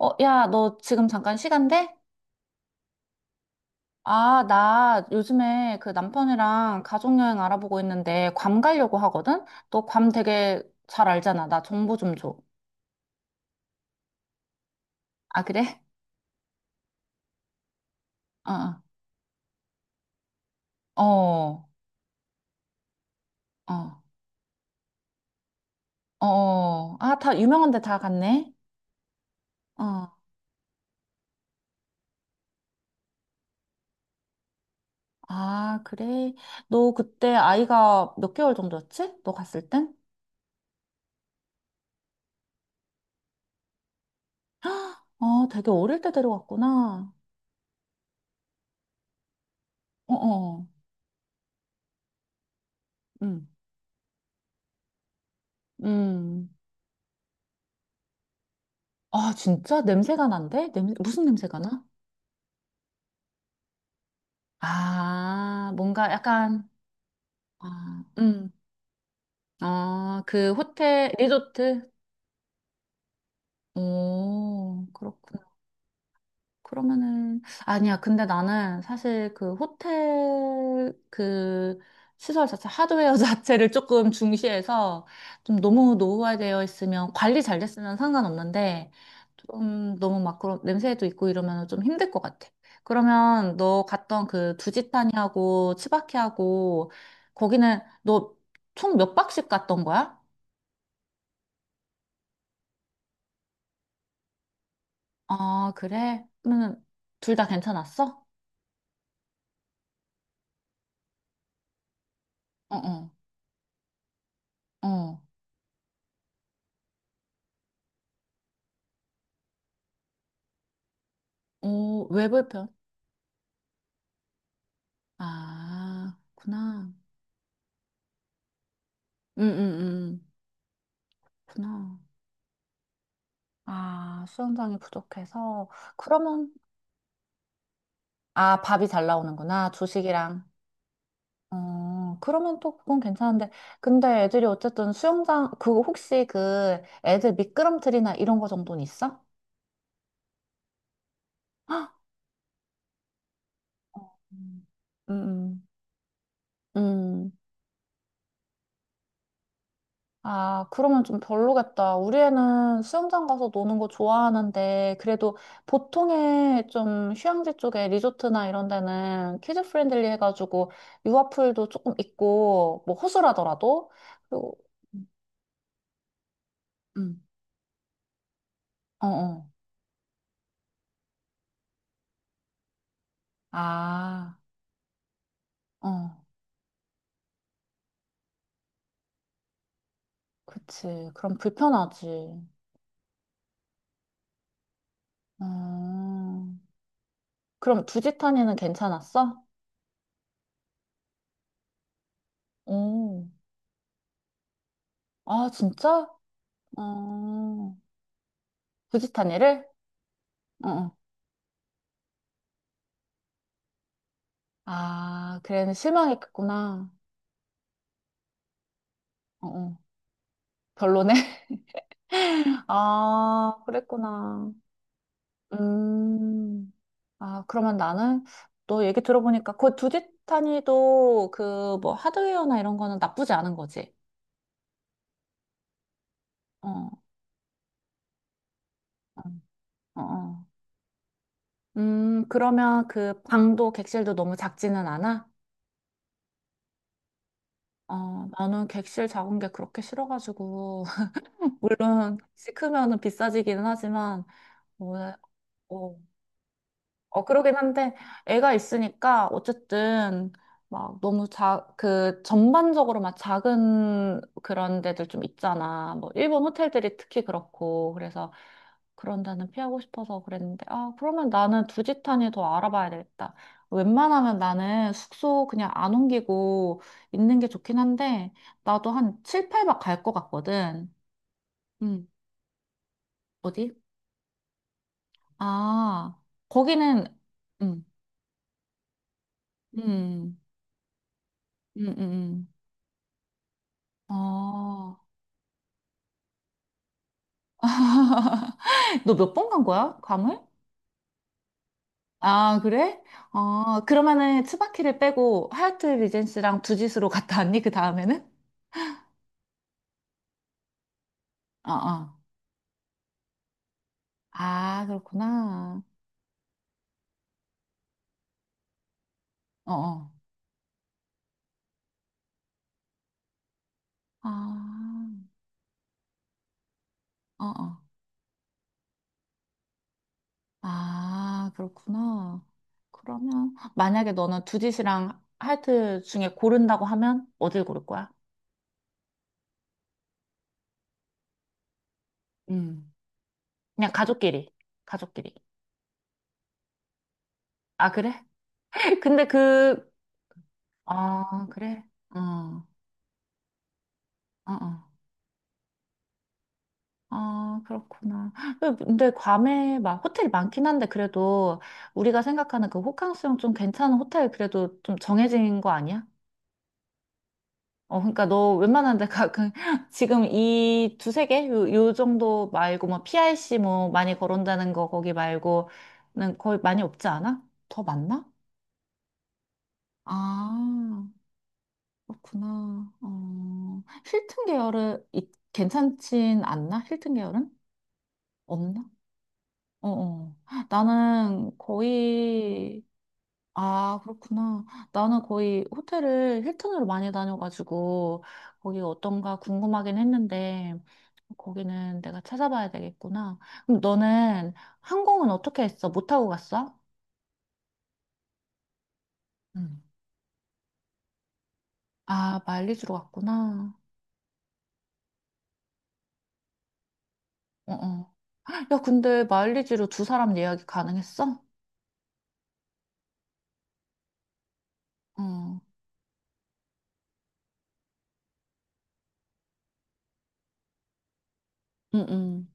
어, 야, 너 지금 잠깐 시간 돼? 아, 나 요즘에 그 남편이랑 가족여행 알아보고 있는데 괌 가려고 하거든? 너 괌 되게 잘 알잖아. 나 정보 좀 줘. 아, 그래? 어, 어, 어, 어. 어. 아, 다 유명한 데 다 갔네? 어. 아, 그래? 너 그때 아이가 몇 개월 정도였지? 너 갔을 땐? 아, 되게 어릴 때 데려갔구나. 어, 어. 음. 음. 아, 진짜? 냄새가 난대? 냄 무슨 냄새가 나? 아, 뭔가 약간, 아, 아, 그 호텔, 리조트? 오, 그렇구나. 그러면은 아니야. 근데 나는 사실 그 호텔 그 시설 자체 하드웨어 자체를 조금 중시해서 좀 너무 노후화되어 있으면 관리 잘 됐으면 상관없는데 좀 너무 막 그런 냄새도 있고 이러면 좀 힘들 것 같아. 그러면 너 갔던 그 두지타니하고 치바키하고 거기는 너 총 몇 박씩 갔던 거야? 아, 그래? 그러면 둘 다 괜찮았어? 어어. 어. 어, 어, 왜 불편? 아, 구나. 응, 응, 응. 구나. 아, 수영장이 부족해서. 그러면, 아, 밥이 잘 나오는구나. 주식이랑. 어, 그러면 또 그건 괜찮은데. 근데 애들이 어쨌든 수영장, 그거 혹시 그 애들 미끄럼틀이나 이런 거 정도는 있어? 헉! 음, 음, 음. 아, 그러면 좀 별로겠다. 우리 애는 수영장 가서 노는 거 좋아하는데, 그래도 보통의 좀 휴양지 쪽에 리조트나 이런 데는 키즈 프렌들리 해가지고 유아풀도 조금 있고, 뭐 호수라더라도, 그리고, 음, 음. 어, 어. 아, 어, 그치. 그럼 불편하지. 음, 그럼 두지타니는 괜찮았어? 오, 아, 진짜? 어, 두지타니를? 어, 어. 아, 그래는 실망했겠구나. 어, 어. 별로네. 아, 그랬구나. 음. 아, 그러면 나는 너 얘기 들어보니까 그 두지타니도 그 뭐 하드웨어나 이런 거는 나쁘지 않은 거지. 어, 어, 어. 어. 그러면 그 방도 객실도 너무 작지는 않아? 어, 나는 객실 작은 게 그렇게 싫어가지고. 물론, 시 크면은 비싸지기는 하지만, 뭐, 어, 어, 그러긴 한데, 애가 있으니까, 어쨌든, 막 너무 그, 전반적으로 막 작은 그런 데들 좀 있잖아. 뭐, 일본 호텔들이 특히 그렇고, 그래서 그런 데는 피하고 싶어서 그랬는데, 아, 그러면 나는 두지탄이더 알아봐야 되겠다. 웬만하면 나는 숙소 그냥 안 옮기고 있는 게 좋긴 한데, 나도 한 7, 8박 갈 것 같거든. 음 어디? 아, 거기는, 음, 음, 음. 어. 너 몇 번 간 거야? 괌을? 아, 그래? 어, 그러면은 츠바키를 빼고 하얏트 리젠시랑 두짓으로 갔다 왔니? 그 다음에는? 어, 어. 아, 그렇구나. 어, 어. 아, 어, 어. 아, 그렇구나. 그러면 만약에 너는 두짓이랑 하얏트 중에 고른다고 하면 어딜 고를 거야? 음. 그냥 가족끼리. 가족끼리. 아, 그래? 근데 그, 아, 그래? 어, 어, 어. 아, 그렇구나. 근데 괌에 막 호텔이 많긴 한데 그래도 우리가 생각하는 그 호캉스용 좀 괜찮은 호텔 그래도 좀 정해진 거 아니야? 어, 그러니까 너 웬만한 데가 그 지금 이 두세 개? 요, 요 정도 말고 뭐 PRC 뭐 많이 거론되는 거 거기 말고는 거의 많이 없지 않아? 더 많나? 아, 그렇구나. 어, 힐튼 계열은 괜찮진 않나? 힐튼 계열은? 없나? 어, 어. 나는 거의, 아, 그렇구나. 나는 거의 호텔을 힐튼으로 많이 다녀가지고, 거기 어떤가 궁금하긴 했는데, 거기는 내가 찾아봐야 되겠구나. 그럼 너는 항공은 어떻게 했어? 못 타고 갔어? 응 아, 마일리지로 갔구나. 어, 어. 야, 근데 마일리지로 두 사람 예약이 가능했어? 어, 응, 응.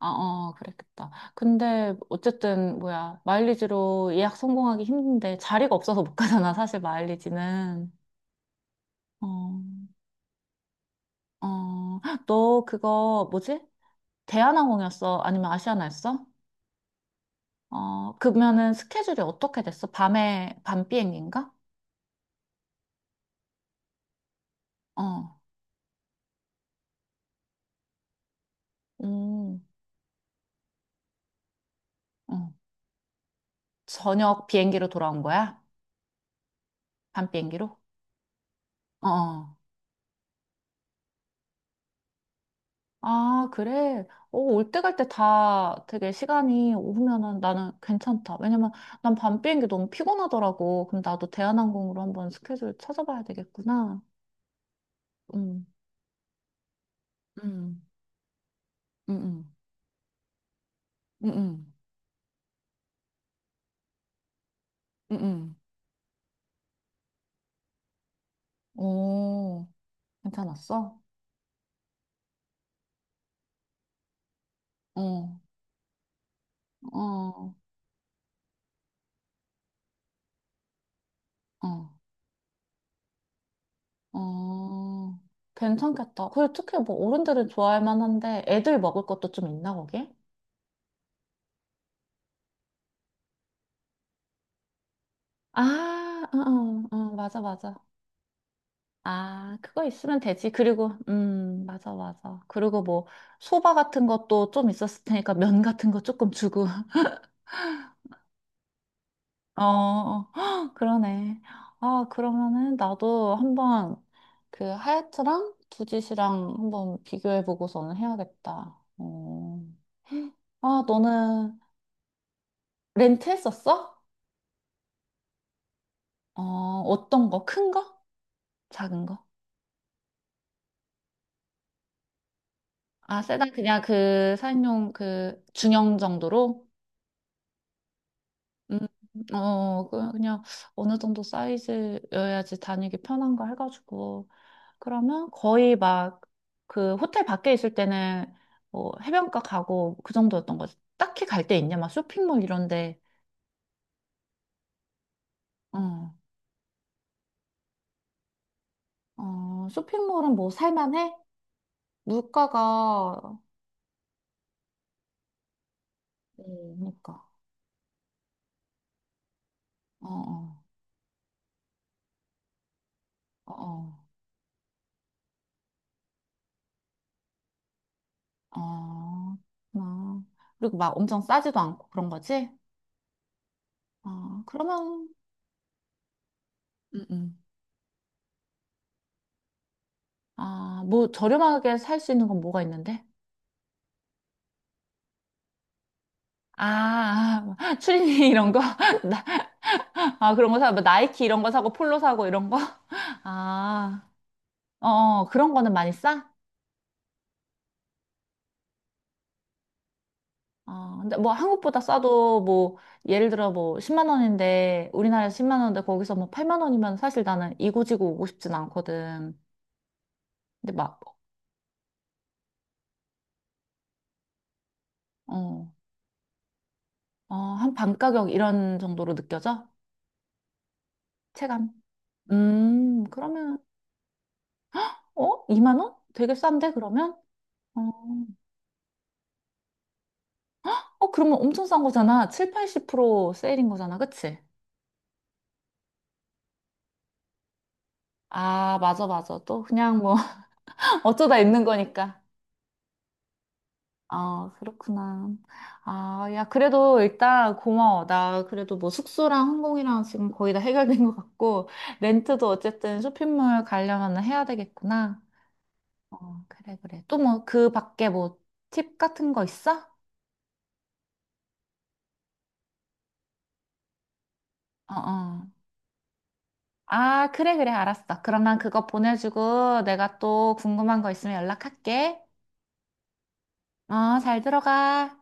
아, 어, 그랬겠다. 근데 어쨌든 뭐야 마일리지로 예약 성공하기 힘든데 자리가 없어서 못 가잖아 사실 마일리지는. 어, 어, 너 그거 뭐지? 대한항공이었어? 아니면 아시아나였어? 어, 그러면은 스케줄이 어떻게 됐어? 밤에 밤 비행기인가? 어, 음, 어, 저녁 비행기로 돌아온 거야? 밤 비행기로? 어. 어. 아, 그래? 어, 올 때 갈 때 다 되게 시간이 오면은 나는 괜찮다. 왜냐면 난 밤 비행기 너무 피곤하더라고. 그럼 나도 대한항공으로 한번 스케줄 찾아봐야 되겠구나. 응, 응, 응, 응, 응, 응, 응, 응. 오, 괜찮았어? 어, 어, 어, 어. 괜찮겠다. 그리고 특히 뭐 어른들은 좋아할 만한데 애들 먹을 것도 좀 있나, 거기? 아, 어, 어, 어, 맞아, 맞아. 아, 그거 있으면 되지. 그리고, 맞아, 맞아. 그리고 뭐, 소바 같은 것도 좀 있었을 테니까 면 같은 거 조금 주고. 어, 어. 헉, 그러네. 아, 그러면은 나도 한번 그 하얏트랑 두짓이랑 한번 비교해보고서는 해야겠다. 어. 아, 너는 렌트 했었어? 어, 어떤 거? 큰 거? 작은 거? 아, 세단 그냥 그 사인용 그 중형 정도로? 음, 어, 그냥 어느 정도 사이즈여야지 다니기 편한 거 해가지고. 그러면 거의 막 그 호텔 밖에 있을 때는 뭐 해변가 가고 그 정도였던 거지. 딱히 갈 데 있냐? 막 쇼핑몰 이런데. 어, 어, 쇼핑몰은 뭐 살만해? 물가가, 그러니까. 어, 어, 어, 어, 어, 그렇구나. 그리고 막 엄청 싸지도 않고 그런 거지? 어, 그러면, 음, 음. 아, 뭐 저렴하게 살 수 있는 건 뭐가 있는데? 아, 아, 추리닝 이런 거? 나- 아, 그런 거 사, 뭐 나이키 이런 거 사고 폴로 사고 이런 거? 아, 어, 어, 그런 거는 많이 싸? 어, 근데 뭐 한국보다 싸도 뭐 예를 들어 뭐 10만 원인데 우리나라에서 10만 원인데 거기서 뭐 8만 원이면 사실 나는 이고지고 오고 싶진 않거든. 근데 막, 어, 어, 한 반 가격 이런 정도로 느껴져? 체감? 그러면, 어? 2만 원? 되게 싼데 그러면? 어. 어, 그러면 엄청 싼 거잖아. 7, 80% 세일인 거잖아. 그치? 아, 맞아, 맞아. 또 그냥 뭐 어쩌다 있는 거니까. 아, 그렇구나. 아, 야, 그래도 일단 고마워. 나 그래도 뭐 숙소랑 항공이랑 지금 거의 다 해결된 것 같고, 렌트도 어쨌든 쇼핑몰 가려면 해야 되겠구나. 어, 그래, 그래. 또 뭐 그 밖에 뭐 팁 같은 거 있어? 어, 어. 아, 그래, 그래. 알았어. 그러면 그거 보내주고 내가 또 궁금한 거 있으면 연락할게. 어, 잘 들어가.